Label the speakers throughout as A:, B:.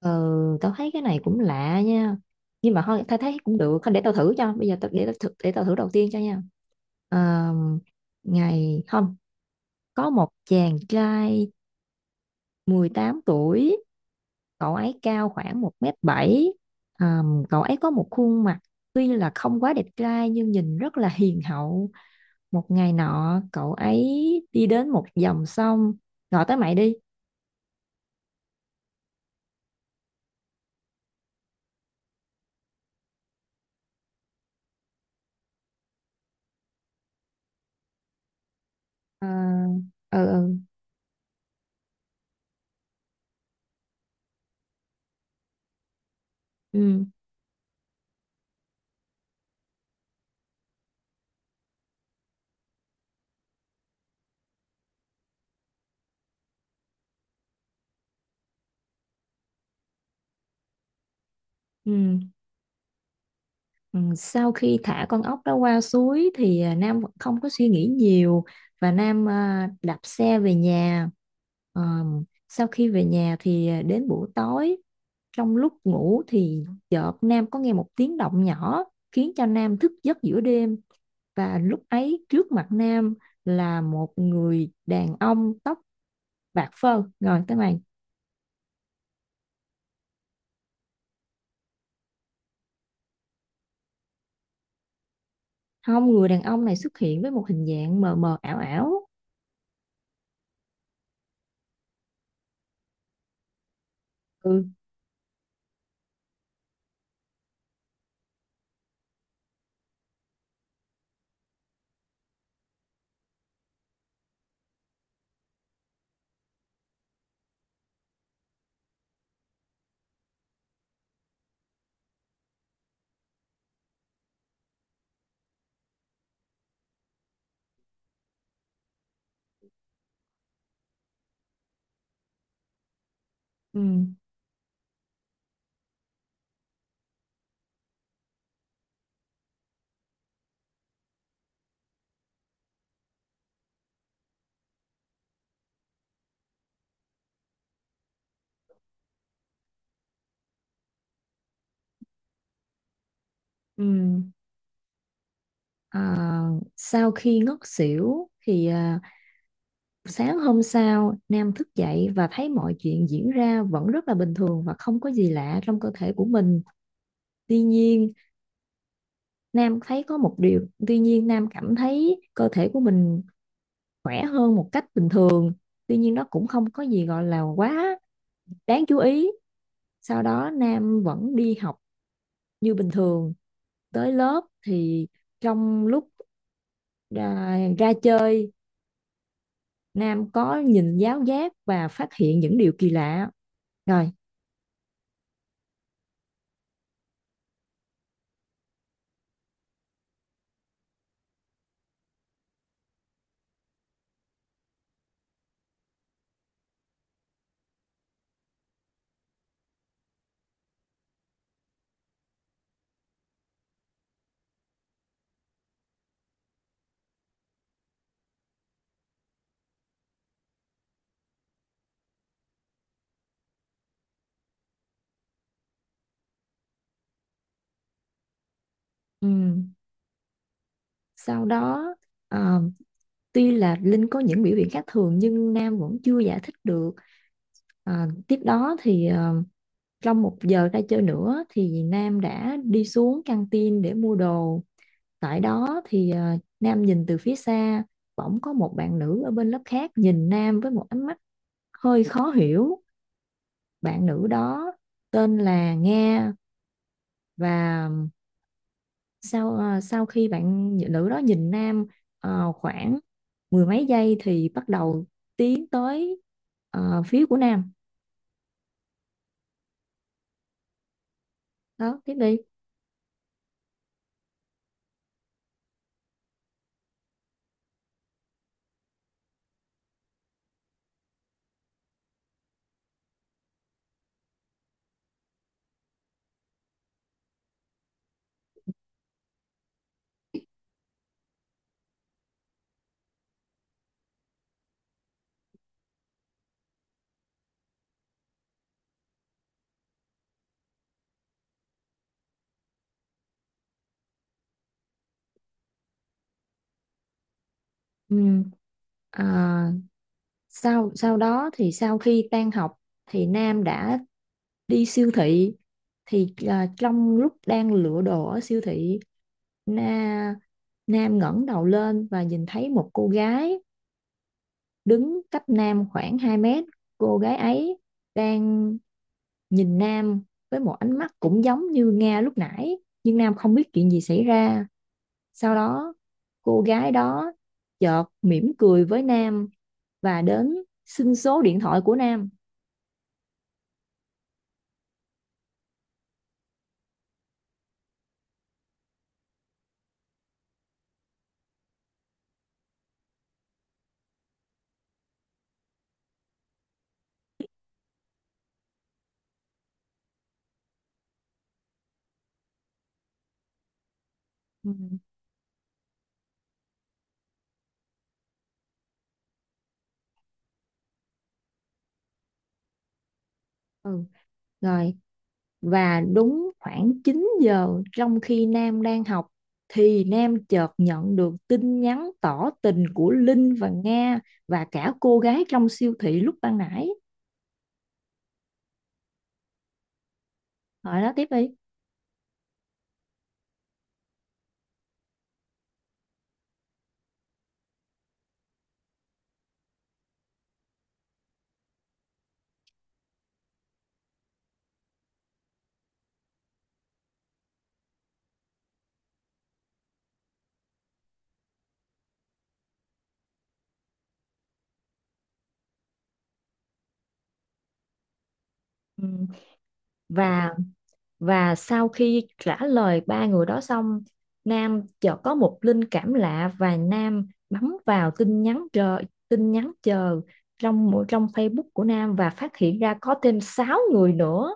A: Ừ, tao thấy cái này cũng lạ nha. Nhưng mà thôi, tao thấy cũng được. Thôi để tao thử cho. Bây giờ tao, để tao thử đầu tiên cho nha. Ờ, ngày không, có một chàng trai 18 tuổi. Cậu ấy cao khoảng 1m7. Cậu ấy có một khuôn mặt tuy là không quá đẹp trai nhưng nhìn rất là hiền hậu. Một ngày nọ, cậu ấy đi đến một dòng sông. Gọi tới mày đi. Ờ, ừ, ừ, ừ, ừ. Ừ, sau khi thả con ốc đó qua suối thì Nam vẫn không có suy nghĩ nhiều và Nam đạp xe về nhà. Sau khi về nhà thì đến buổi tối, trong lúc ngủ thì chợt Nam có nghe một tiếng động nhỏ khiến cho Nam thức giấc giữa đêm, và lúc ấy trước mặt Nam là một người đàn ông tóc bạc phơ. Rồi tới mày. Không, người đàn ông này xuất hiện với một hình dạng mờ mờ ảo ảo. Ừ, ừ, ừ. Ờ, Sau khi ngất xỉu thì sáng hôm sau Nam thức dậy và thấy mọi chuyện diễn ra vẫn rất là bình thường và không có gì lạ trong cơ thể của mình. Tuy nhiên Nam thấy có một điều, tuy nhiên Nam cảm thấy cơ thể của mình khỏe hơn một cách bình thường. Tuy nhiên đó cũng không có gì gọi là quá đáng chú ý. Sau đó Nam vẫn đi học như bình thường. Tới lớp thì trong lúc ra chơi, Nam có nhìn giáo giác và phát hiện những điều kỳ lạ. Rồi. ừm, Sau đó ờ, tuy là Linh có những biểu hiện khác thường nhưng Nam vẫn chưa giải thích được. Ờ, Tiếp đó thì trong một giờ ra chơi nữa thì Nam đã đi xuống căng tin để mua đồ. Tại đó thì Nam nhìn từ phía xa, bỗng có một bạn nữ ở bên lớp khác nhìn Nam với một ánh mắt hơi khó hiểu. Bạn nữ đó tên là Nga, và sau khi bạn nữ đó nhìn nam khoảng mười mấy giây thì bắt đầu tiến tới phía của nam. Đó tiếp đi. Ừm, à, sau sau đó thì sau khi tan học thì nam đã đi siêu thị, thì trong lúc đang lựa đồ ở siêu thị, na, nam ngẩng đầu lên và nhìn thấy một cô gái đứng cách Nam khoảng 2 mét. Cô gái ấy đang nhìn Nam với một ánh mắt cũng giống như Nga lúc nãy, nhưng Nam không biết chuyện gì xảy ra. Sau đó, cô gái đó chợt mỉm cười với Nam và đến xin số điện thoại của Nam. Ừ. Ừ. Rồi, và đúng khoảng 9 giờ trong khi Nam đang học thì Nam chợt nhận được tin nhắn tỏ tình của Linh và Nga và cả cô gái trong siêu thị lúc ban nãy. Hỏi đó tiếp đi. Ừ. Và và sau khi trả lời ba người đó xong, Nam chợt có một linh cảm lạ và Nam bấm vào tin nhắn chờ trong trong Facebook của Nam và phát hiện ra có thêm 6 người nữa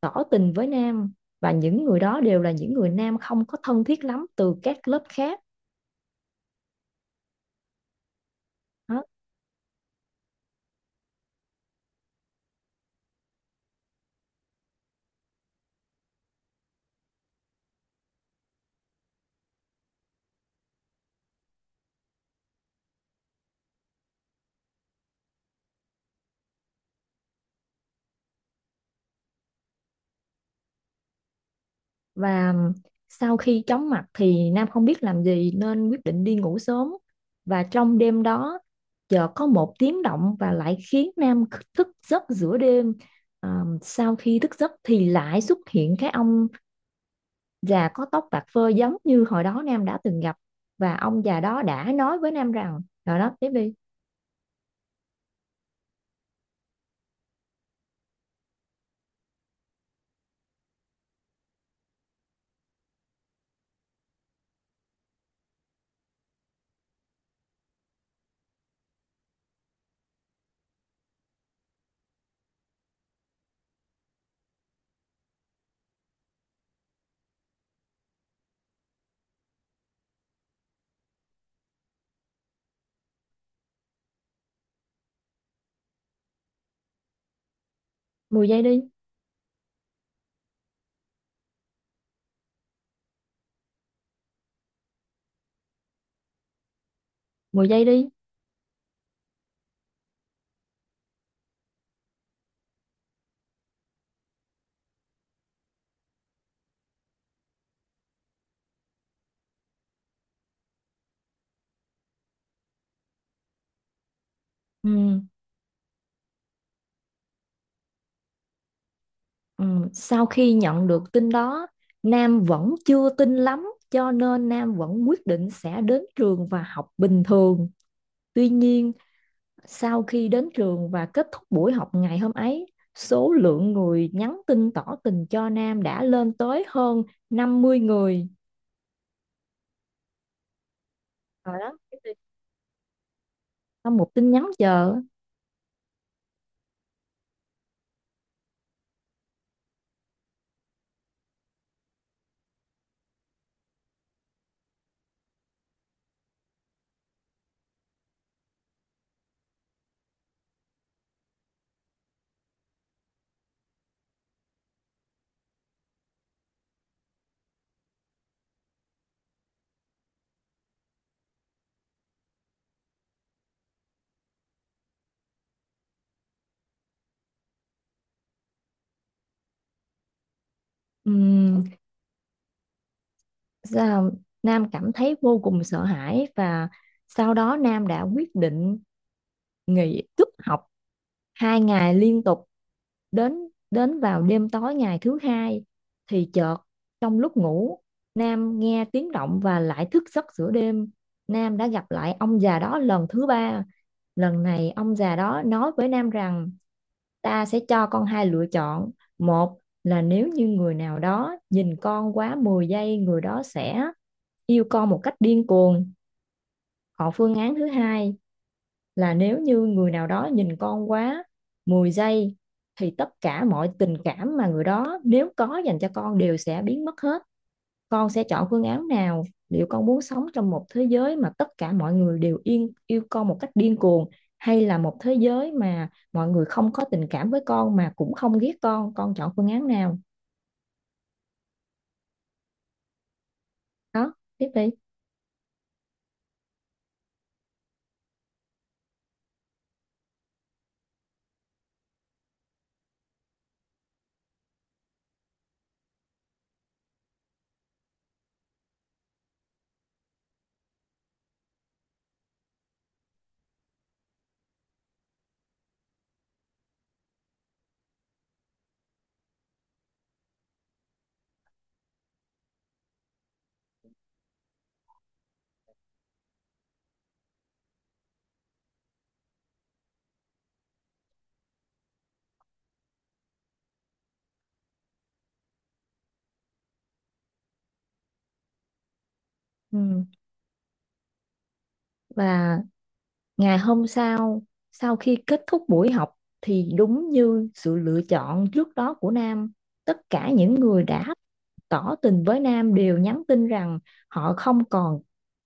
A: tỏ tình với nam, và những người đó đều là những người nam không có thân thiết lắm từ các lớp khác đó. Và sau khi chóng mặt thì nam không biết làm gì nên quyết định đi ngủ sớm, và trong đêm đó chợt có một tiếng động và lại khiến nam thức giấc giữa đêm. À, sau khi thức giấc thì lại xuất hiện cái ông già có tóc bạc phơ giống như hồi đó nam đã từng gặp, và ông già đó đã nói với nam rằng. Rồi đó tiếp đi. Mười giây đi mười giây đi Ừ. Ừ, sau khi nhận được tin đó, Nam vẫn chưa tin lắm, cho nên Nam vẫn quyết định sẽ đến trường và học bình thường. Tuy nhiên, sau khi đến trường và kết thúc buổi học ngày hôm ấy, số lượng người nhắn tin tỏ tình cho Nam đã lên tới hơn 50 người. Rồi đó, sau một tin nhắn chờ. ừm, Dạ, Nam cảm thấy vô cùng sợ hãi và sau đó Nam đã quyết định nghỉ cúp học 2 ngày liên tục. Đến đến vào đêm tối ngày thứ hai thì chợt trong lúc ngủ, Nam nghe tiếng động và lại thức giấc giữa đêm. Nam đã gặp lại ông già đó lần thứ ba. Lần này ông già đó nói với Nam rằng: ta sẽ cho con hai lựa chọn. Một là nếu như người nào đó nhìn con quá 10 giây, người đó sẽ yêu con một cách điên cuồng. Còn phương án thứ hai là nếu như người nào đó nhìn con quá 10 giây thì tất cả mọi tình cảm mà người đó nếu có dành cho con đều sẽ biến mất hết. Con sẽ chọn phương án nào? Liệu con muốn sống trong một thế giới mà tất cả mọi người đều yêu con một cách điên cuồng, hay là một thế giới mà mọi người không có tình cảm với con mà cũng không ghét con? Con chọn phương án nào? Đó tiếp đi. Ừ. Và ngày hôm sau, sau khi kết thúc buổi học thì đúng như sự lựa chọn trước đó của Nam, tất cả những người đã tỏ tình với Nam đều nhắn tin rằng họ không còn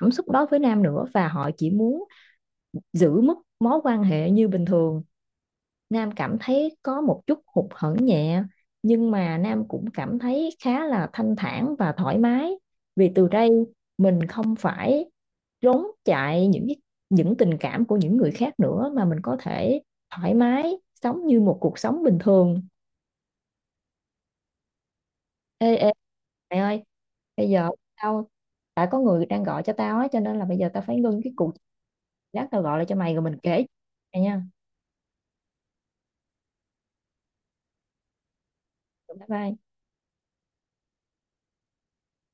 A: cảm xúc đó với Nam nữa và họ chỉ muốn giữ mức mối quan hệ như bình thường. Nam cảm thấy có một chút hụt hẫng nhẹ, nhưng mà Nam cũng cảm thấy khá là thanh thản và thoải mái vì từ đây mình không phải trốn chạy những tình cảm của những người khác nữa mà mình có thể thoải mái sống như một cuộc sống bình thường. Ê ê mày ơi, bây giờ tao tại có người đang gọi cho tao á, cho nên là bây giờ tao phải ngưng cái cuộc. Lát tao gọi lại cho mày rồi mình kể mày nha. Bye bye.